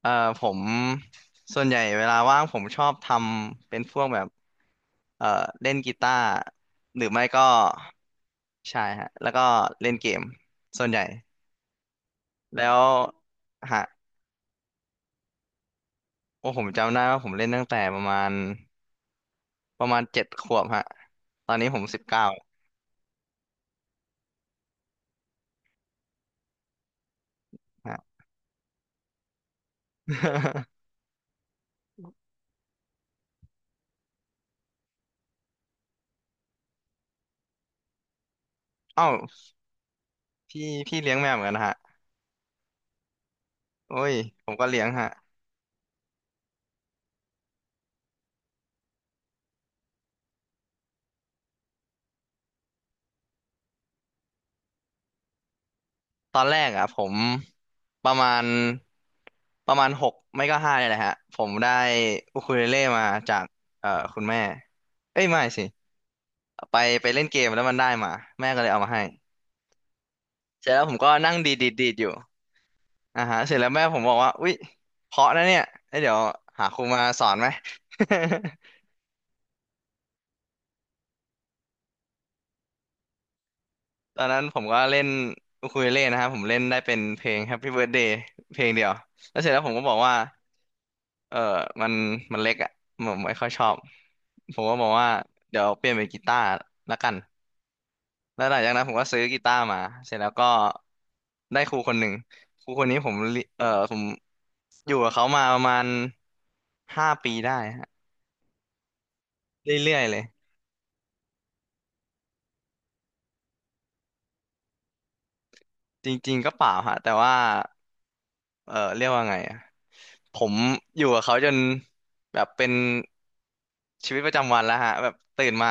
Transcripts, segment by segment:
เอ่อผมส่วนใหญ่เวลาว่างผมชอบทำเป็นพวกแบบเอ่อเล่นกีตาร์หรือไม่ก็ใช่ฮะแล้วก็เล่นเกมส่วนใหญ่แล้วฮะโอ้ผมจำได้ว่าผมเล่นตั้งแต่ประมาณ7 ขวบฮะตอนนี้ผม19ฮะ เอ้าพี่เลี้ยงแมวเหมือนกันนะฮะโอ้ยผมก็เลี้ยงฮะ ตอนแรกอ่ะผมประมาณ6 ไม่ก็ 5เนี่ยแหละฮะผมได้อูคูเลเล่มาจากคุณแม่ เอ้ยไม่สิไปไปเล่นเกมแล้วมันได้มาแม่ก็เลยเอามาให้เสร็จแล้วผมก็นั่งดีดดีดดีดอยู่อ่าฮะเสร็จแล้วแม่ผมบอกว่าอุ๊ยเพราะนะเนี่ยเอ้ยเดี๋ยวหาครูมาสอนไหม ตอนนั้นผมก็เล่นอูคูเลเล่นะครับผมเล่นได้เป็นเพลง Happy Birthday เพลงเดียวแล้วเสร็จแล้วผมก็บอกว่าเออมันมันเล็กอ่ะผมไม่ค่อยชอบผมก็บอกว่าเดี๋ยวเปลี่ยนเป็นกีตาร์ละกันแล้วหลังจากนั้นผมก็ซื้อกีตาร์มาเสร็จแล้วก็ได้ครูคนหนึ่งครูคนนี้ผมเรีเออผมอยู่กับเขามาประมาณ5 ปีได้ฮะเรื่อยๆเลย จริงๆก็เปล่าฮะแต่ว่า เออเรียกว่าไงอะผมอยู่กับเขาจนแบบเป็นชีวิตประจำวันแล้วฮะแบบตื่นมา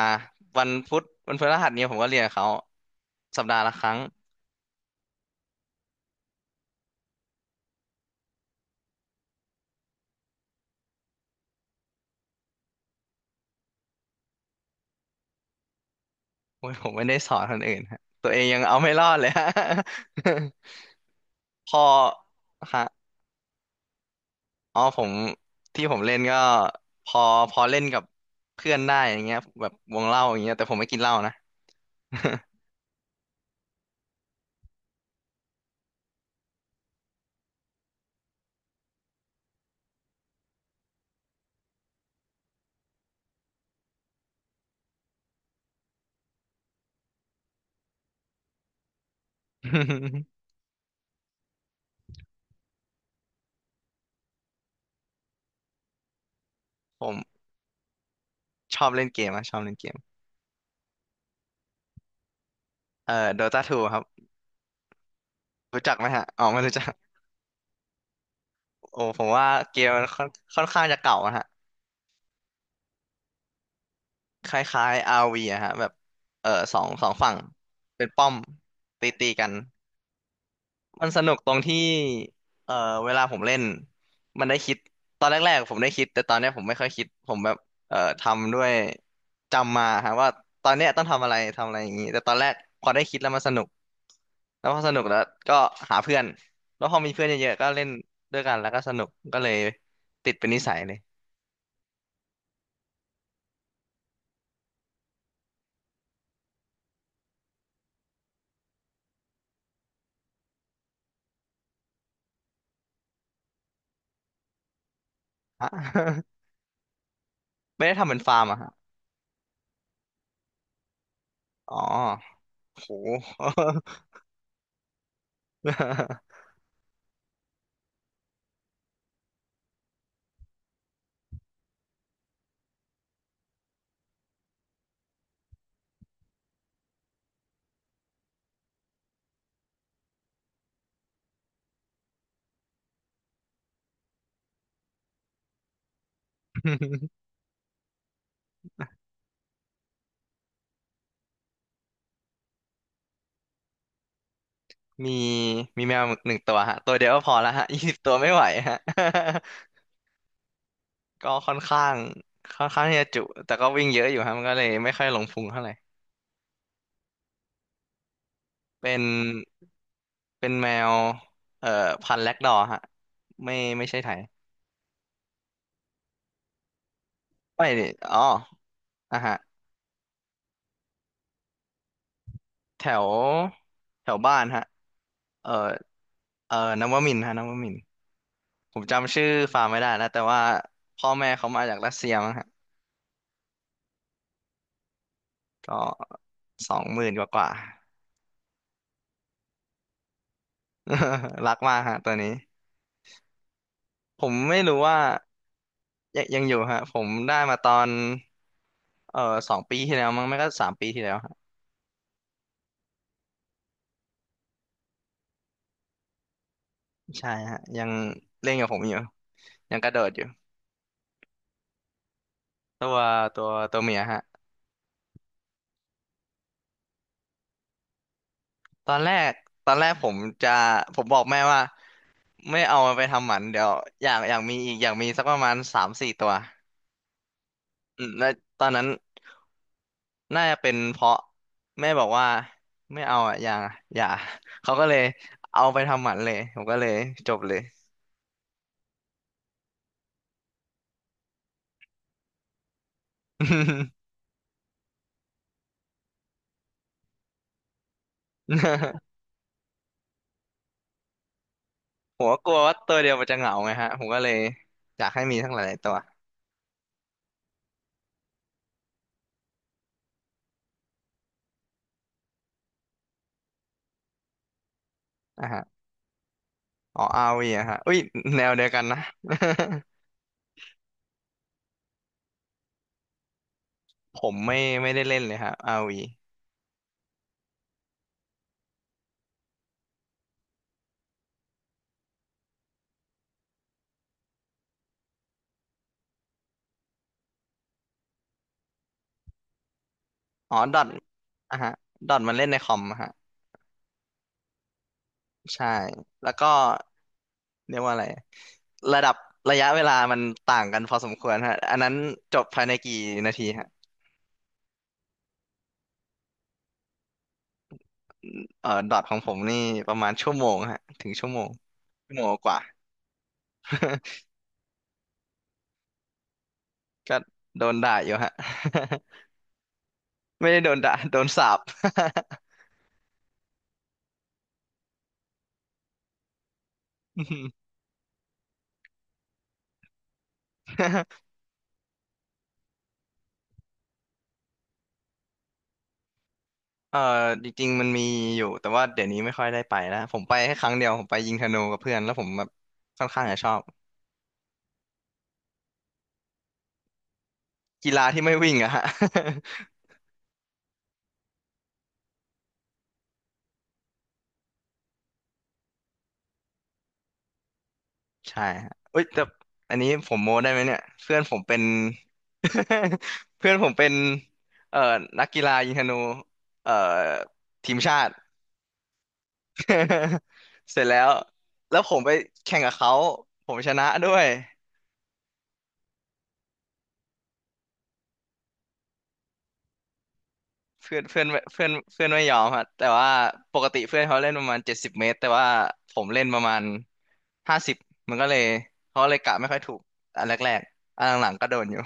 วันพุธวันพฤหัสเนี่ยผมก็เรียนกับเขาสัปดาห์ละครั้งโอ้ยผมไม่ได้สอนคนอื่นฮะตัวเองยังเอาไม่รอดเลยฮะ พอฮะอ๋อผมที่ผมเล่นก็พอพอเล่นกับเพื่อนได้อย่างเงี้ยแบบวงเล่าอย่างเงี้ยแต่ผมไม่กินเหล้านะ ผมชอบเล่นเกมอะชอบเล่นเกม โดตาทูครับรู้จักไหมฮะอ๋อไม่รู้จักโอ้ผมว่าเกมมันค่อนข้างจะเก่าอะฮะคล้ายๆอาร์วีอะฮะแบบเออสองฝั่งเป็นป้อมตีกัน มันสนุกตรงที่เอ่อเวลาผมเล่นมันได้คิดตอนแรกๆผมได้คิด แต่ตอนเนี้ยผมไม่ค่อยคิดผมแบบทำด้วยจำมาฮะว่าตอนเนี้ยต้องทำอะไรทำอะไรอย่างงี้แต่ตอนแรกพอได้คิดแล้วมันสนุกแล้วพอสนุกแล้วก็หาเพื่อนแล้วพอมีเพื่อนเยอะๆก็เล่นด้วยกันแล้วก็สนุกก็เลยติดเป็นนิสัยเลยอะ ไม่ได้ทำเป็นฟาร์มอะฮะอ๋อโห มีมีแมว1 ตัวฮะตัวเดียวก็พอแล้วฮะ 20 ตัวไม่ไหวฮะ ก็ค่อนข้างที่จะจุแต่ก็วิ่งเยอะอยู่ฮะมันก็เลยไม่ค่อยหลงพุงเท่าไหร่เป็นแมวเอ่อพันธุ์แล็กดอร์ฮะไม่ไม่ใช่ไทยไม่ดิอ๋ออ่ะฮะแถวแถวบ้านฮะเอ่อเอ่อนวมินทร์ฮะนวมินทร์ผมจำชื่อฟาร์มไม่ได้แล้วแต่ว่าพ่อแม่เขามาจากรัสเซียมั้งฮะก็20,000กว่ารักมากฮะตัวนี้ผมไม่รู้ว่ายังอยู่ฮะผมได้มาตอนเอ่อ2 ปีที่แล้วมั้งไม่ก็3 ปีที่แล้วฮะใช่ฮะยังเล่นกับผมอยู่ยังกระโดดอยู่ตัวตัวเมียฮะตอนแรกตอนแรกผมจะผมบอกแม่ว่าไม่เอามันไปทำหมันเดี๋ยวอยากมีอีกอยากมีสักประมาณ3-4 ตัวอืมแล้วตอนนั้นน่าจะเป็นเพราะแม่บอกว่าไม่เอาอ่ะอย่าเขาก็เลยเอาไปทำหมันเลยผมก็เลยจบเลย ผมก็กลัวว่าตัวเดียวมันจะเหงาไงฮะผมก็เลยอยากให้มีทั้งหลายๆตัวนะฮะอ๋อ RV อะฮะอุ้ยแนวเดียวกันนะ ผมไม่ได้เล่นเลยฮะ RV อ๋อดอทอ่ะฮะดอทมันเล่นในคอมอะฮะใช่แล้วก็เรียกว่าอะไรระดับระยะเวลามันต่างกันพอสมควรฮะอันนั้นจบภายในกี่นาทีฮะเอ่อดอทของผมนี่ประมาณชั่วโมงฮะถึงชั่วโมงกว่า ก็โดนด่าอยู่ฮะ ไม่ได้โดนด่า โดนสาป อืม เออจริงๆมันมีอยู่แต่ว่าเดี๋ยวนี้ไม่ค่อยได้ไปแล้วผมไปแค่ครั้งเดียวผมไปยิงธนูกับเพื่อนแล้วผมแบบค่อนข้างจะชอบกีฬาที่ไม่วิ่งอะฮะ ใช่ฮะเอ้ยแต่อันนี้ผมโม้ได้ไหมเนี่ยเพื่อนผมเป็น เพื่อนผมเป็นเอ่อนักกีฬายิงธนูเอ่อทีมชาติ เสร็จแล้วแล้วผมไปแข่งกับเขาผมชนะด้วย เพื่อนเพื่อนเพื่อนเพื่อนไม่ยอมฮะแต่ว่าปกติเพื่อนเขาเล่นประมาณ70 เมตรแต่ว่าผมเล่นประมาณ50มันก็เลยเขาเลยกะไม่ค่อยถูกอันแรกๆอันหลังๆก็โดนอยู่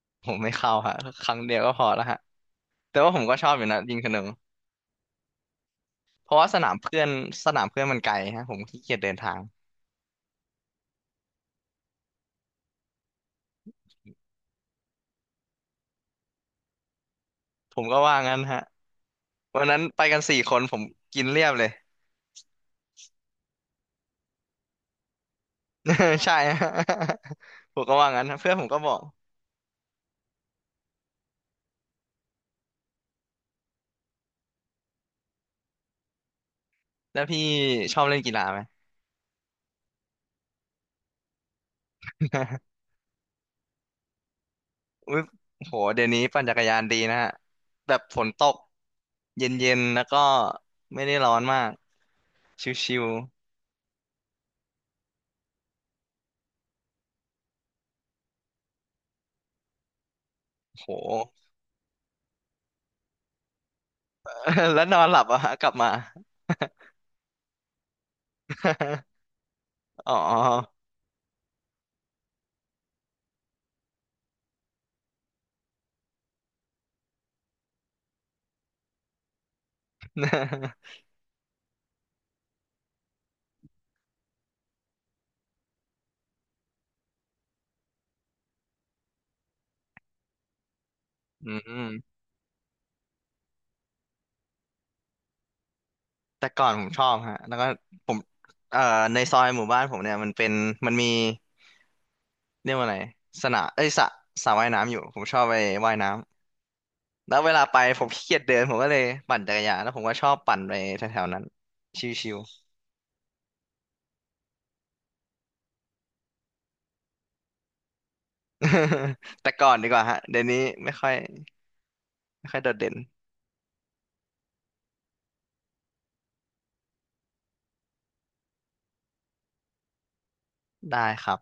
ผมไม่เข้าฮะครั้งเดียวก็พอแล้วฮะแต่ว่าผมก็ชอบอยู่นะยิงธนูเพราะว่าสนามเพื่อนสนามเพื่อนมันไกลฮะผมขี้เกียจเดินทางผมก็ว่างั้นฮะวันนั้นไปกัน4 คนผมกินเรียบเลย ใช่ฮะ ผมก็ว่างั้นฮะเพื่อนผมก็บอกแล้วพี่ชอบเล่นกีฬาไหม อุ๊ยโหเดี๋ยวนี้ปั่นจักรยานดีนะฮะแบบฝนตกเย็นๆแล้วก็ไม่ได้ร้อนมากชิวๆโห แล้วนอนหลับอะฮะกลับมา อ๋อ อืมแต่ก่อนผมชอบฮะแล้วก็ผมเอ่อในซอยหมู่บ้านผมเนี่ยมันเป็นมีเรียกว่าอะไรสนามเอ้ยสระว่ายน้ำอยู่ผมชอบไปว่ายน้ำแล้วเวลาไปผมขี้เกียจเดินผมก็เลยปั่นจักรยานแล้วผมก็ชอบปั่นไปแถวๆนั้นชิว แต่ก่อนดีกว่าฮะเดี๋ยวนี้ไม่ค่อยไม่ค่อยโดดเด่นได้ครับ